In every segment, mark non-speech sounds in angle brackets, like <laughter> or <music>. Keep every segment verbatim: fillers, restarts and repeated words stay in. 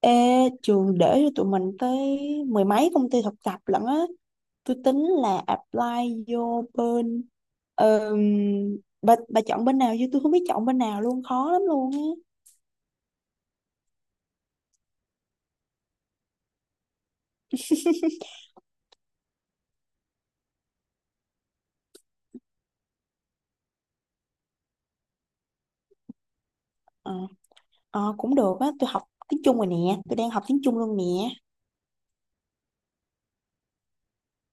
Ê, trường để cho tụi mình tới mười mấy công ty thực tập lận á. Tôi tính là apply vô bên ờm, bà, bà chọn bên nào chứ tôi không biết chọn bên nào luôn, khó lắm luôn á. Ờ, ờ, cũng được á, tôi học tiếng Trung rồi nè, tôi đang học tiếng Trung luôn nè.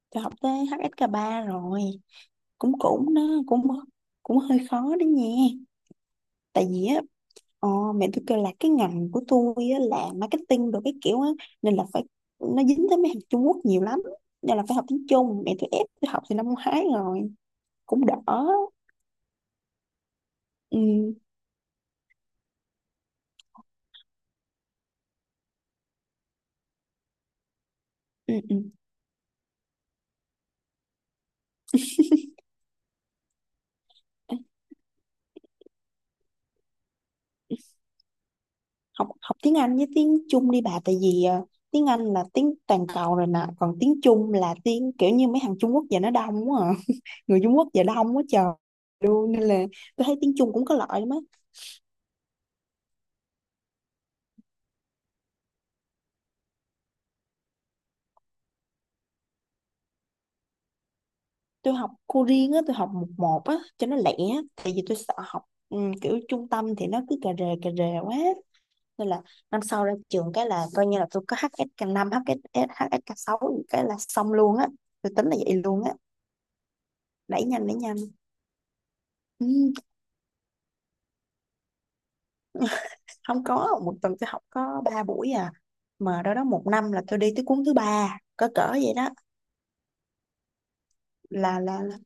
Tôi học tới hát ét ca ba rồi. Cũng cũng nó cũng Cũng hơi khó đó nha. Tại vì á, Ờ, mẹ tôi kêu là cái ngành của tôi á, là marketing đồ cái kiểu á, nên là phải, nó dính tới mấy hàng Trung Quốc nhiều lắm nên là phải học tiếng Trung, mẹ tôi ép tôi học từ năm ngoái rồi, cũng đỡ. Ừ, ừ, ừ. Ê, học học tiếng Anh với tiếng Trung đi bà, tại vì ờ, tiếng Anh là tiếng toàn cầu rồi nè, còn tiếng Trung là tiếng kiểu như mấy hàng Trung Quốc, giờ nó đông quá à. <laughs> Người Trung Quốc giờ đông quá trời luôn, nên là tôi thấy tiếng Trung cũng có lợi lắm á. Tôi học cô riêng á, tôi học một một á cho nó lẻ, tại vì tôi sợ học ừ, kiểu trung tâm thì nó cứ cà rề cà rề quá, nên là năm sau ra trường cái là coi như là tôi có hát ét ca năm, hát ét ca năm, hsk hsk sáu, cái là xong luôn á, tôi tính là vậy luôn á. Đẩy nhanh đẩy nhanh. Ừ. <laughs> Không có, một tuần tôi học có ba buổi à, mà đó đó một năm là tôi đi tới cuốn thứ ba, cỡ cỡ vậy đó. là là, là,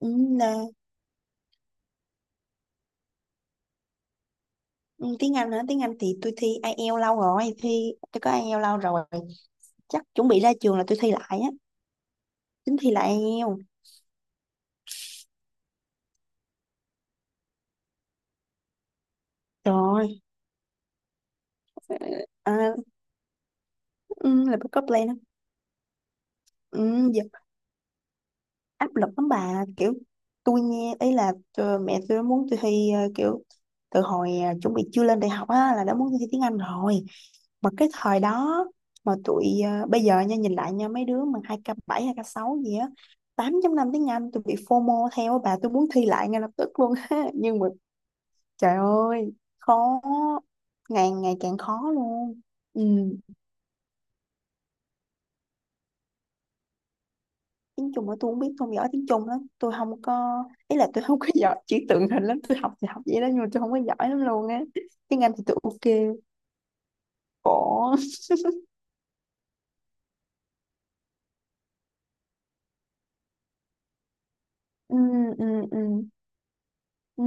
ừ, là ừ, Tiếng Anh hả? Tiếng Anh thì tôi thi ai eo lâu rồi, thi tôi có ai eo lâu rồi, chắc chuẩn bị ra trường là tôi thi lại á, tính thi lại ai eo rồi. À, ừ, là có plan không? Ừ, giờ áp lực lắm bà, kiểu tôi nghe ấy là ờ, mẹ tôi muốn tôi thi ờ, kiểu, từ hồi ờ, chuẩn bị chưa lên đại học á là đã muốn tôi thi tiếng Anh rồi, mà cái thời đó, mà tụi ờ, bây giờ nha, nhìn lại nha, mấy đứa mà hai k bảy hai k sáu gì á, tám chấm năm tiếng Anh, tôi bị FOMO theo á bà, tôi muốn thi lại ngay lập tức luôn <laughs> á, nhưng mà trời ơi, khó, ngày ngày càng khó luôn. Ừ, tiếng Trung mà tôi không biết, tôi không giỏi tiếng Trung lắm. Tôi không có, ý là tôi không có <laughs> giỏi chữ tượng hình lắm. Tôi học thì học vậy đó, nhưng mà tôi không có giỏi lắm luôn á. Tiếng Anh thì tôi ok, khổ. Ừ, ừ, ừ, ừ.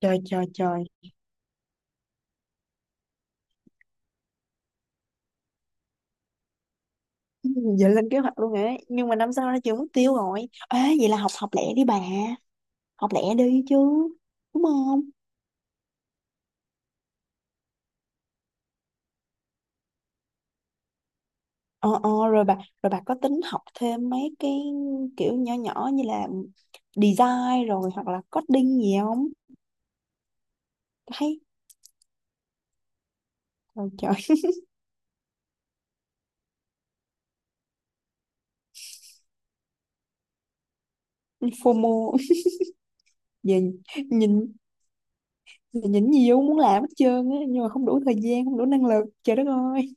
Trời, trời, trời. Ừ, giờ lên kế hoạch luôn ấy. Nhưng mà năm sau ra trường mất tiêu rồi. Ê, vậy là học học lẻ đi bà. Học lẻ đi chứ. Đúng không? Ờ, ờ, rồi bà rồi bà có tính học thêm mấy cái kiểu nhỏ nhỏ như là design rồi hoặc là coding gì không? Thấy trời, trời. <laughs> FOMO. Về nhìn, giờ nhìn nhiều muốn làm hết trơn á, nhưng mà không đủ thời gian không đủ năng lực, trời đất ơi.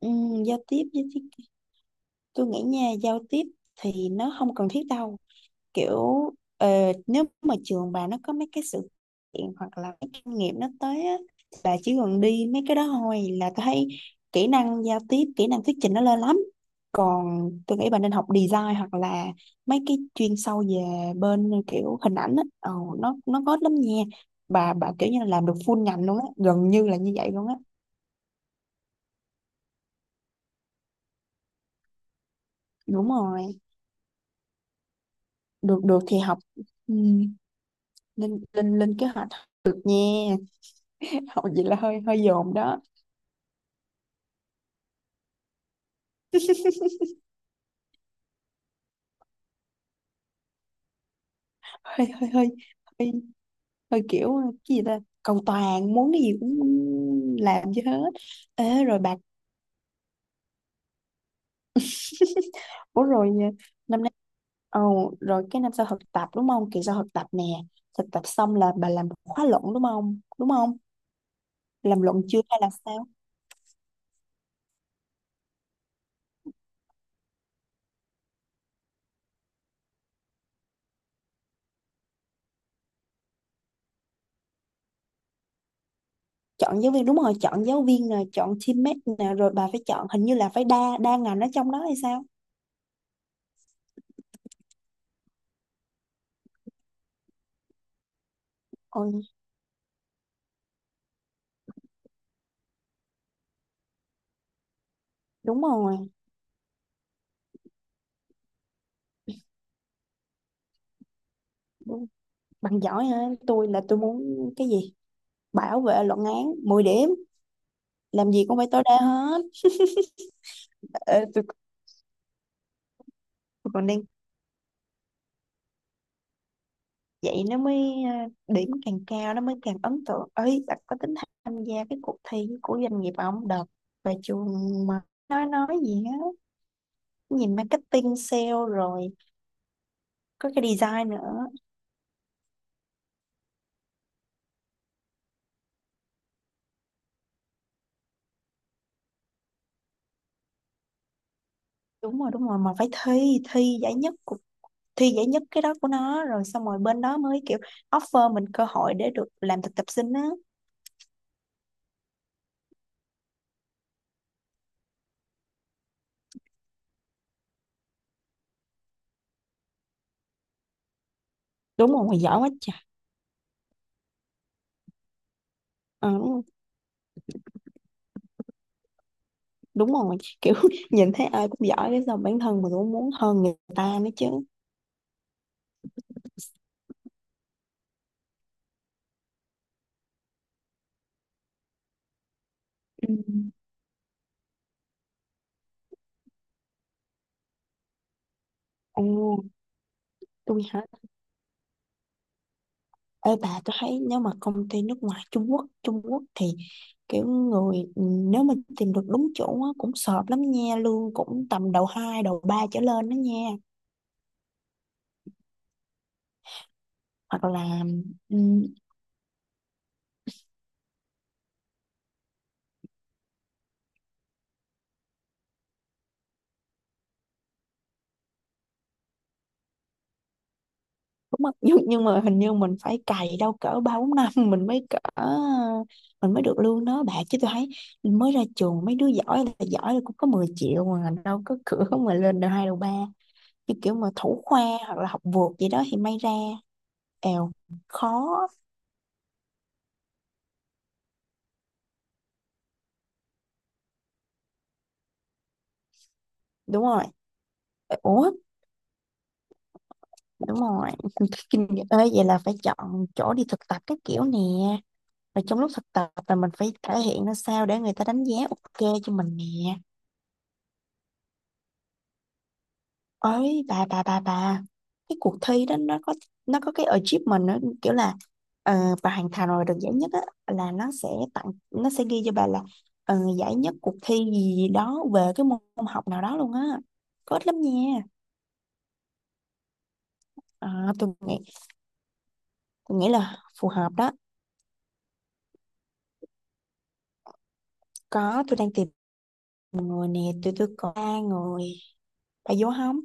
Ừ, giao tiếp với thiết, tôi nghĩ nha, giao tiếp thì nó không cần thiết đâu, kiểu ờ, nếu mà trường bà nó có mấy cái sự kiện hoặc là mấy kinh nghiệm nó tới á, bà chỉ cần đi mấy cái đó thôi là tôi thấy kỹ năng giao tiếp, kỹ năng thuyết trình nó lên lắm. Còn tôi nghĩ bà nên học design hoặc là mấy cái chuyên sâu về bên ờ, kiểu hình ảnh á, ờ, nó nó có lắm nha. Bà bà kiểu như là làm được full ngành luôn á, gần như là như vậy luôn á. Đúng rồi. Được được thì học. Ừ, lên lên lên kế hoạch nha. <laughs> Học gì là hơi hơi dồn đó. Hơi hơi hơi Hơi hơi kiểu cái gì ta, cầu toàn, muốn cái gì cũng làm cho hết. Ế rồi bạc. <laughs> Ủa rồi, ờ, năm nay, ồ rồi cái năm sau thực tập đúng không? Kỳ sau thực tập nè, thực tập xong là bà làm một khóa luận đúng không? Đúng không làm luận chưa hay là sao? Chọn giáo viên, đúng rồi, chọn giáo viên nè, chọn teammate nè, rồi bà phải chọn hình như là phải đa đa ngành ở trong đó hay sao? Ôi đúng rồi. Đúng. Bằng giỏi hả? Tôi là tôi muốn cái gì, bảo vệ luận án mười điểm, làm gì cũng phải tối đa hết. Ờ, tôi, tôi còn đang, vậy nó mới à, điểm càng cao nó mới càng ấn tượng ấy bạn. Có tính tham gia cái cuộc thi của doanh nghiệp ông đợt và trường mà nói nói gì á, nhìn marketing sale rồi, có cái design nữa. Đúng rồi, đúng rồi, mà phải thi thi giải nhất, cuộc thi giải nhất cái đó của nó rồi xong rồi bên đó mới kiểu offer mình cơ hội để được làm thực tập sinh á. Đúng rồi, mày giỏi quá trời. Ờ, đúng rồi, kiểu <laughs> nhìn thấy ai cũng giỏi cái sao bản thân mình cũng muốn hơn người ta nữa chứ. Ừ. Ồ, tôi hả? Ê bà, tôi thấy nếu mà công ty nước ngoài, Trung Quốc, Trung Quốc thì kiểu người, ừ, nếu mà tìm được đúng chỗ á, cũng sợp lắm nha, lương cũng tầm đầu hai đầu ba trở lên đó nha. Hoặc là, ừ, đúng không? nhưng nhưng mà hình như mình phải cày đâu cỡ ba bốn năm <laughs> mình mới cỡ mình mới được lương đó bạn, chứ tôi thấy mới ra trường mấy đứa giỏi là giỏi là cũng có mười triệu, mà đâu có cửa mà lên được hai đầu ba, như kiểu mà thủ khoa hoặc là học vượt gì đó thì may ra. Èo, khó. Đúng rồi, ủa đúng rồi. <laughs> Kinh nghiệm ơi, vậy là phải chọn chỗ đi thực tập các kiểu nè, và trong lúc thực tập là mình phải thể hiện ra sao để người ta đánh giá ok cho mình nè. Ấy bà, bà bà bà cái cuộc thi đó nó có, nó có cái achievement, nó kiểu là ờ, bà hoàn thành rồi được giải nhất á là nó sẽ tặng, nó sẽ ghi cho bà là ờ, giải nhất cuộc thi gì, gì đó về cái môn học nào đó luôn á, có ít lắm nha. Ờ, tôi nghĩ, tôi nghĩ là phù hợp đó. Có, tôi đang tìm người nè, tôi tôi có ba người, bà vô không?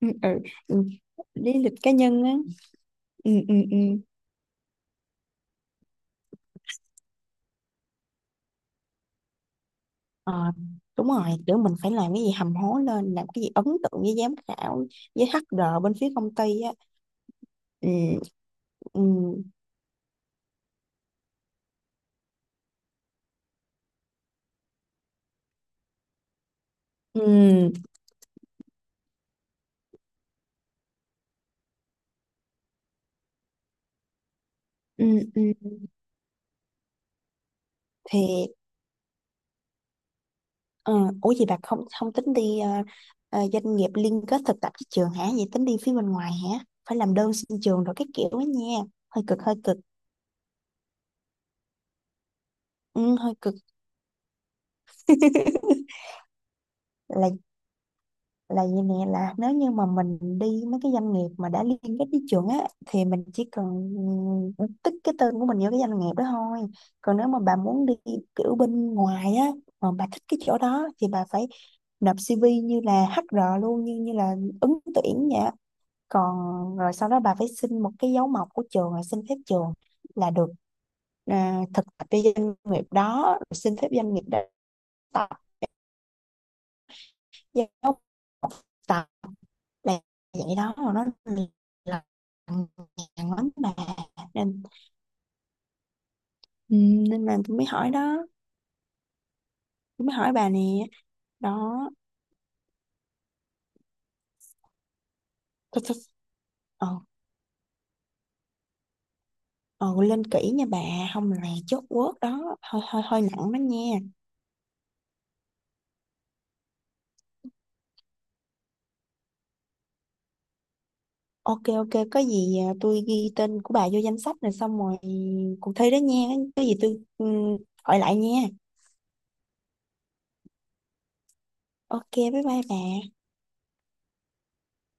Ừ, ừ, ừ. Lý lịch cá nhân á. Ừ, ừ, ừ. Ờ, đúng rồi, kiểu mình phải làm cái gì hầm hố lên, làm cái gì ấn tượng với giám khảo, với hát rờ bên phía công ty á. Ừ, ừ, ừ, ừ, ừ. Thì, ờ, ủa gì bà không không tính đi ờ, ờ, doanh nghiệp liên kết thực tập với trường hả? Vậy tính đi phía bên ngoài hả? Phải làm đơn xin trường rồi cái kiểu đó nha. Hơi cực, hơi cực. Ừ, hơi cực. <laughs> Là là gì nè, là nếu như mà mình đi mấy cái doanh nghiệp mà đã liên kết với trường á thì mình chỉ cần, ừ, tích cái tên của mình vô cái doanh nghiệp đó thôi. Còn nếu mà bà muốn đi kiểu bên ngoài á mà bà thích cái chỗ đó thì bà phải nộp xê vê như là hát rờ luôn, như như là ứng tuyển vậy á. Còn rồi sau đó bà phải xin một cái dấu mộc của trường rồi xin phép trường là được, à, thực tập cho doanh nghiệp đó rồi xin phép doanh nghiệp đó, tập giáo tập, là vậy đó, mà nó là nhằn lắm bà, nên ừ, nên là tôi mới hỏi đó, tôi mới hỏi bà nè đó. Thôi, thôi, ờ, ờ lên kỹ nha bà, không là chốt quớt đó, hơi hơi hơi nặng đó nha. Ok ok, có gì à, tôi ghi tên của bà vô danh sách rồi, xong rồi cuộc thi đó nha, cái gì tôi, ừ, gọi lại nha. Ok bye bye bà.